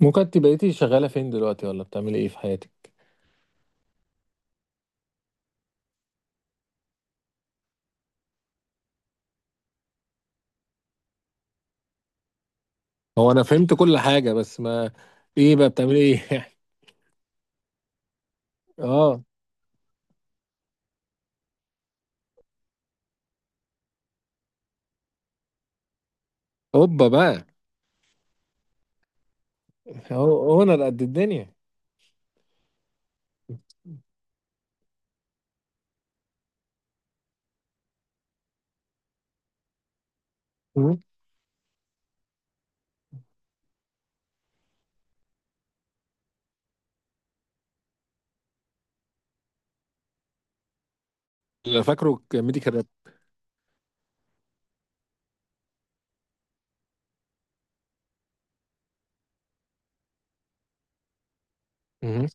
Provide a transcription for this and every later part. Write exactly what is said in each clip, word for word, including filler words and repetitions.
ممكن انت بقيتي شغالة فين دلوقتي ولا بتعملي ايه في حياتك؟ هو انا فهمت كل حاجة، بس ما ايه بقى بتعملي ايه يعني؟ اه، هوبا بقى. هو انا قد الدنيا. مم. اللي فاكره ميديكال راب. مم.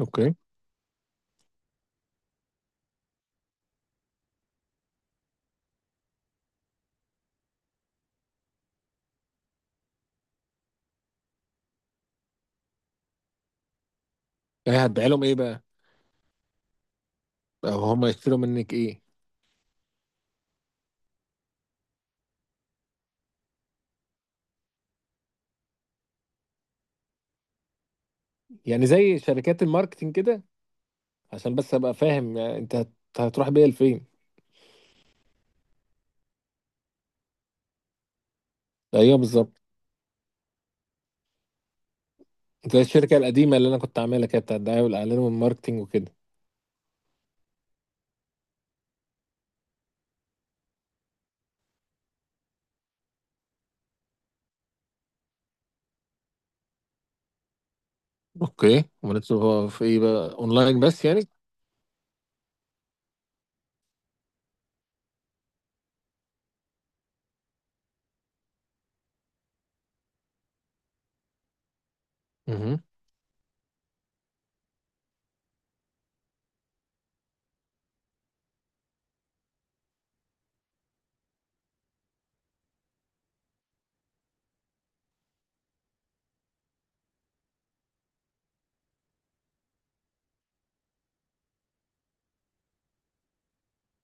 اوكي. ايه هتبيع لهم ايه بقى، او هم يشتروا منك ايه؟ يعني زي شركات الماركتينج كده، عشان بس ابقى فاهم يعني انت هت- هتروح بيها لفين؟ ايوه بالظبط، زي الشركة القديمة اللي انا كنت عاملها كده بتاع الدعاية والاعلان والماركتينج وكده. اوكي، ومالتش في ايه بقى؟ اونلاين بس يعني؟ مهم.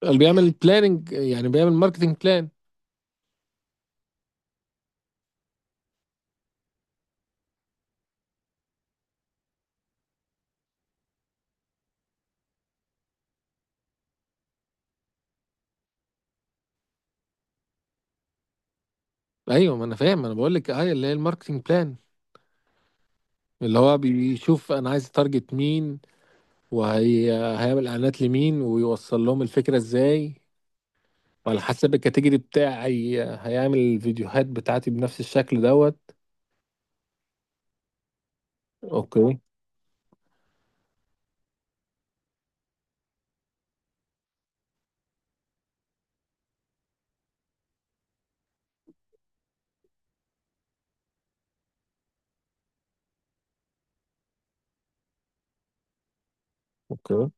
اللي بيعمل بلاننج يعني بيعمل ماركتنج بلان. ايوه، ما انا فاهم، انا بقول لك ايوه اللي هي الماركتنج بلان، اللي هو بيشوف انا عايز تارجت مين، وهيعمل اعلانات لمين ويوصل لهم الفكره ازاي، وعلى حسب الكاتيجوري بتاعي هيعمل الفيديوهات بتاعتي بنفس الشكل دوت. اوكي. اوكي.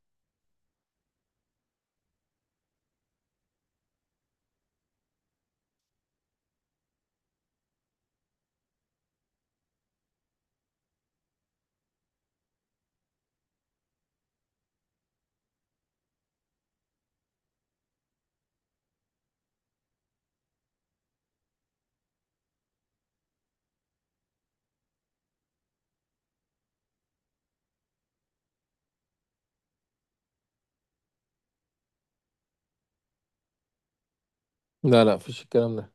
لا، لا، مفيش الكلام ده.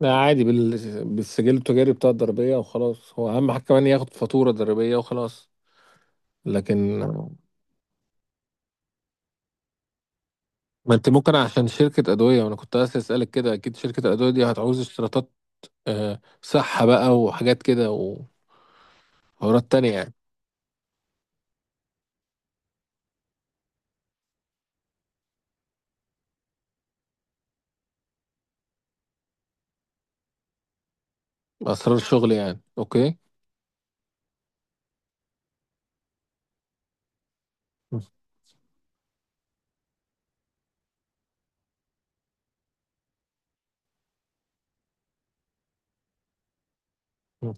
لا عادي بال... بالسجل التجاري بتاع الضريبيه وخلاص، هو اهم حاجه كمان ياخد فاتوره ضريبيه وخلاص. لكن ما انت ممكن، عشان شركة أدوية، وأنا كنت عايز أسألك كده، أكيد شركة الأدوية دي هتعوز اشتراطات، آه، صحة بقى وحاجات كده، وحوارات تانية يعني. أسرار شغل يعني. أوكي. مم.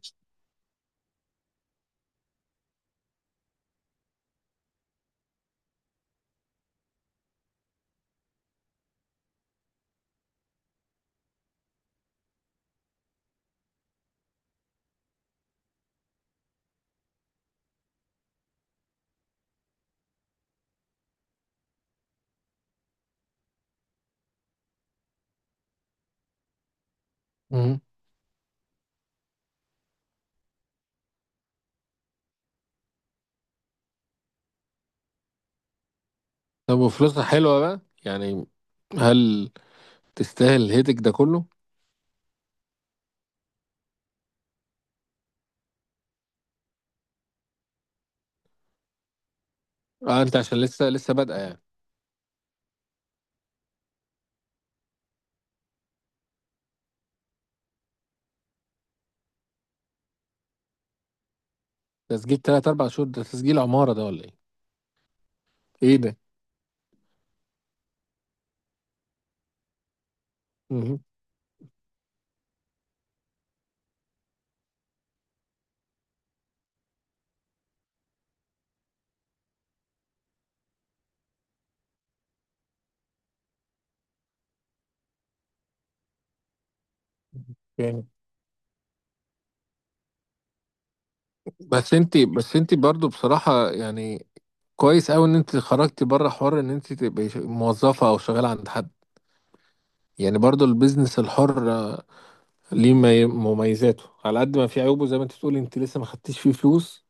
مم. طب وفلوسها حلوة بقى يعني؟ هل تستاهل الهيدك ده كله؟ أه، أنت عشان لسه لسه بادئة يعني. تسجيل تلات أربع شهور ده، تسجيل عمارة ده ولا إيه؟ إيه ده؟ مم. يعني بس أنت بس أنت برضو بصراحة، يعني كويس أوي إن أنت خرجتي بره حوار إن أنت تبقي ش- موظفة أو شغالة عند حد، يعني برضو البيزنس الحر ليه مي- مميزاته على قد ما في عيوبه، زي ما انت بتقولي انت لسه ما خدتيش فيه فلوس،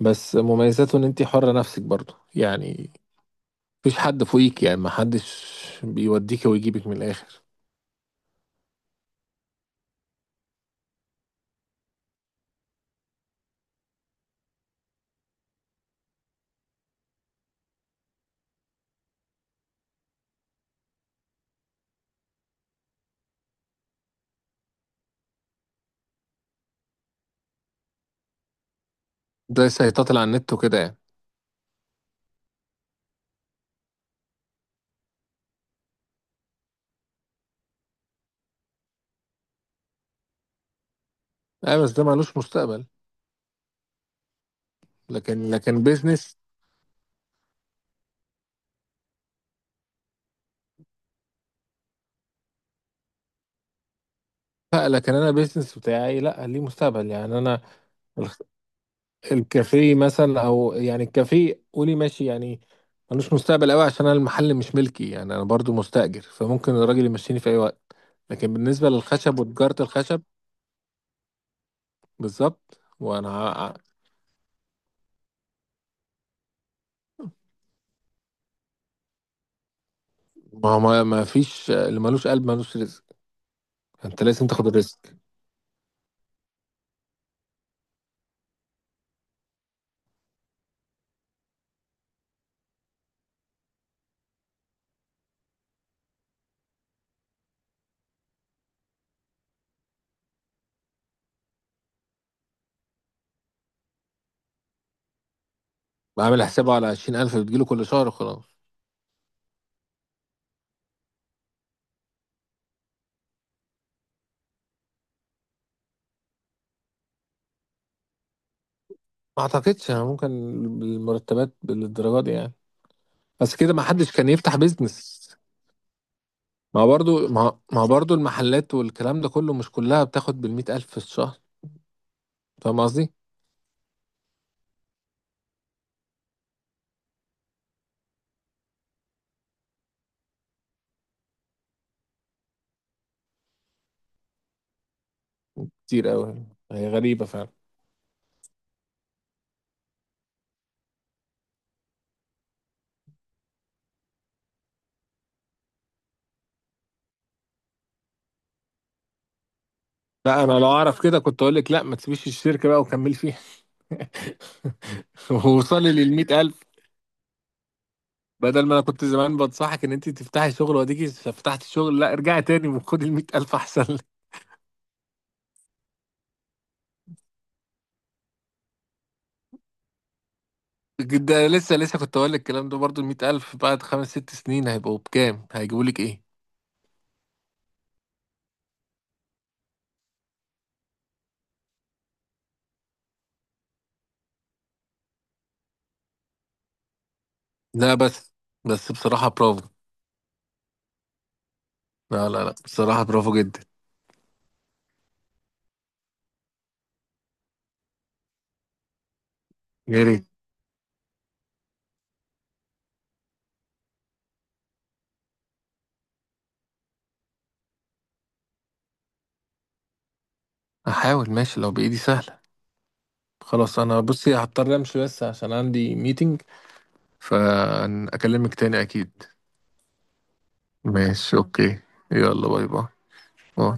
بس مميزاته ان انت حرة نفسك برضو يعني، مفيش حد فوقيك، يعني ما حدش بيوديك ويجيبك من الاخر. ده سيطات على النت وكده يعني. اه، بس ده ملوش مستقبل. لكن لكن بيزنس، لا، لكن انا بيزنس بتاعي لا ليه مستقبل يعني انا، الكافيه مثلا او يعني الكافيه، قولي ماشي يعني، ملوش مستقبل قوي عشان انا المحل مش ملكي، يعني انا برضو مستأجر، فممكن الراجل يمشيني في اي وقت. لكن بالنسبة للخشب وتجارة الخشب، بالظبط، وانا ع- ما هو ما ما فيش اللي ملوش قلب ملوش رزق. انت لازم تاخد الريسك. بعمل حسابه على عشرين ألف بتجيله كل شهر وخلاص. ما اعتقدش أنا ممكن المرتبات بالدرجة دي يعني، بس كده ما حدش كان يفتح بيزنس. ما برضو ما, ما برضو المحلات والكلام ده كله، مش كلها بتاخد بالمئة ألف في الشهر. فاهم قصدي؟ كتير أوي يعني، هي غريبة فعلا. لا أنا لو أعرف كده كنت أقول لك لا ما تسيبيش الشركة بقى وكمل فيها، ووصلي للمئة ألف، بدل ما أنا كنت زمان بنصحك إن أنت تفتحي شغل، وأديكي فتحتي شغل، لا ارجعي تاني وخدي المئة ألف أحسن. لك ده لسه لسه كنت أقول لك الكلام ده برضو، المئة ألف بعد خمس ست سنين هيبقوا بكام؟ هيجيبوا لك إيه؟ لا بس بس بصراحة برافو. لا، لا، لا، بصراحة برافو جدا. يا ريت. احاول، ماشي لو بايدي سهله. خلاص، انا بصي هضطر امشي بس عشان عندي ميتنج، فاكلمك تاني اكيد. ماشي، اوكي. يلا، باي باي. باي.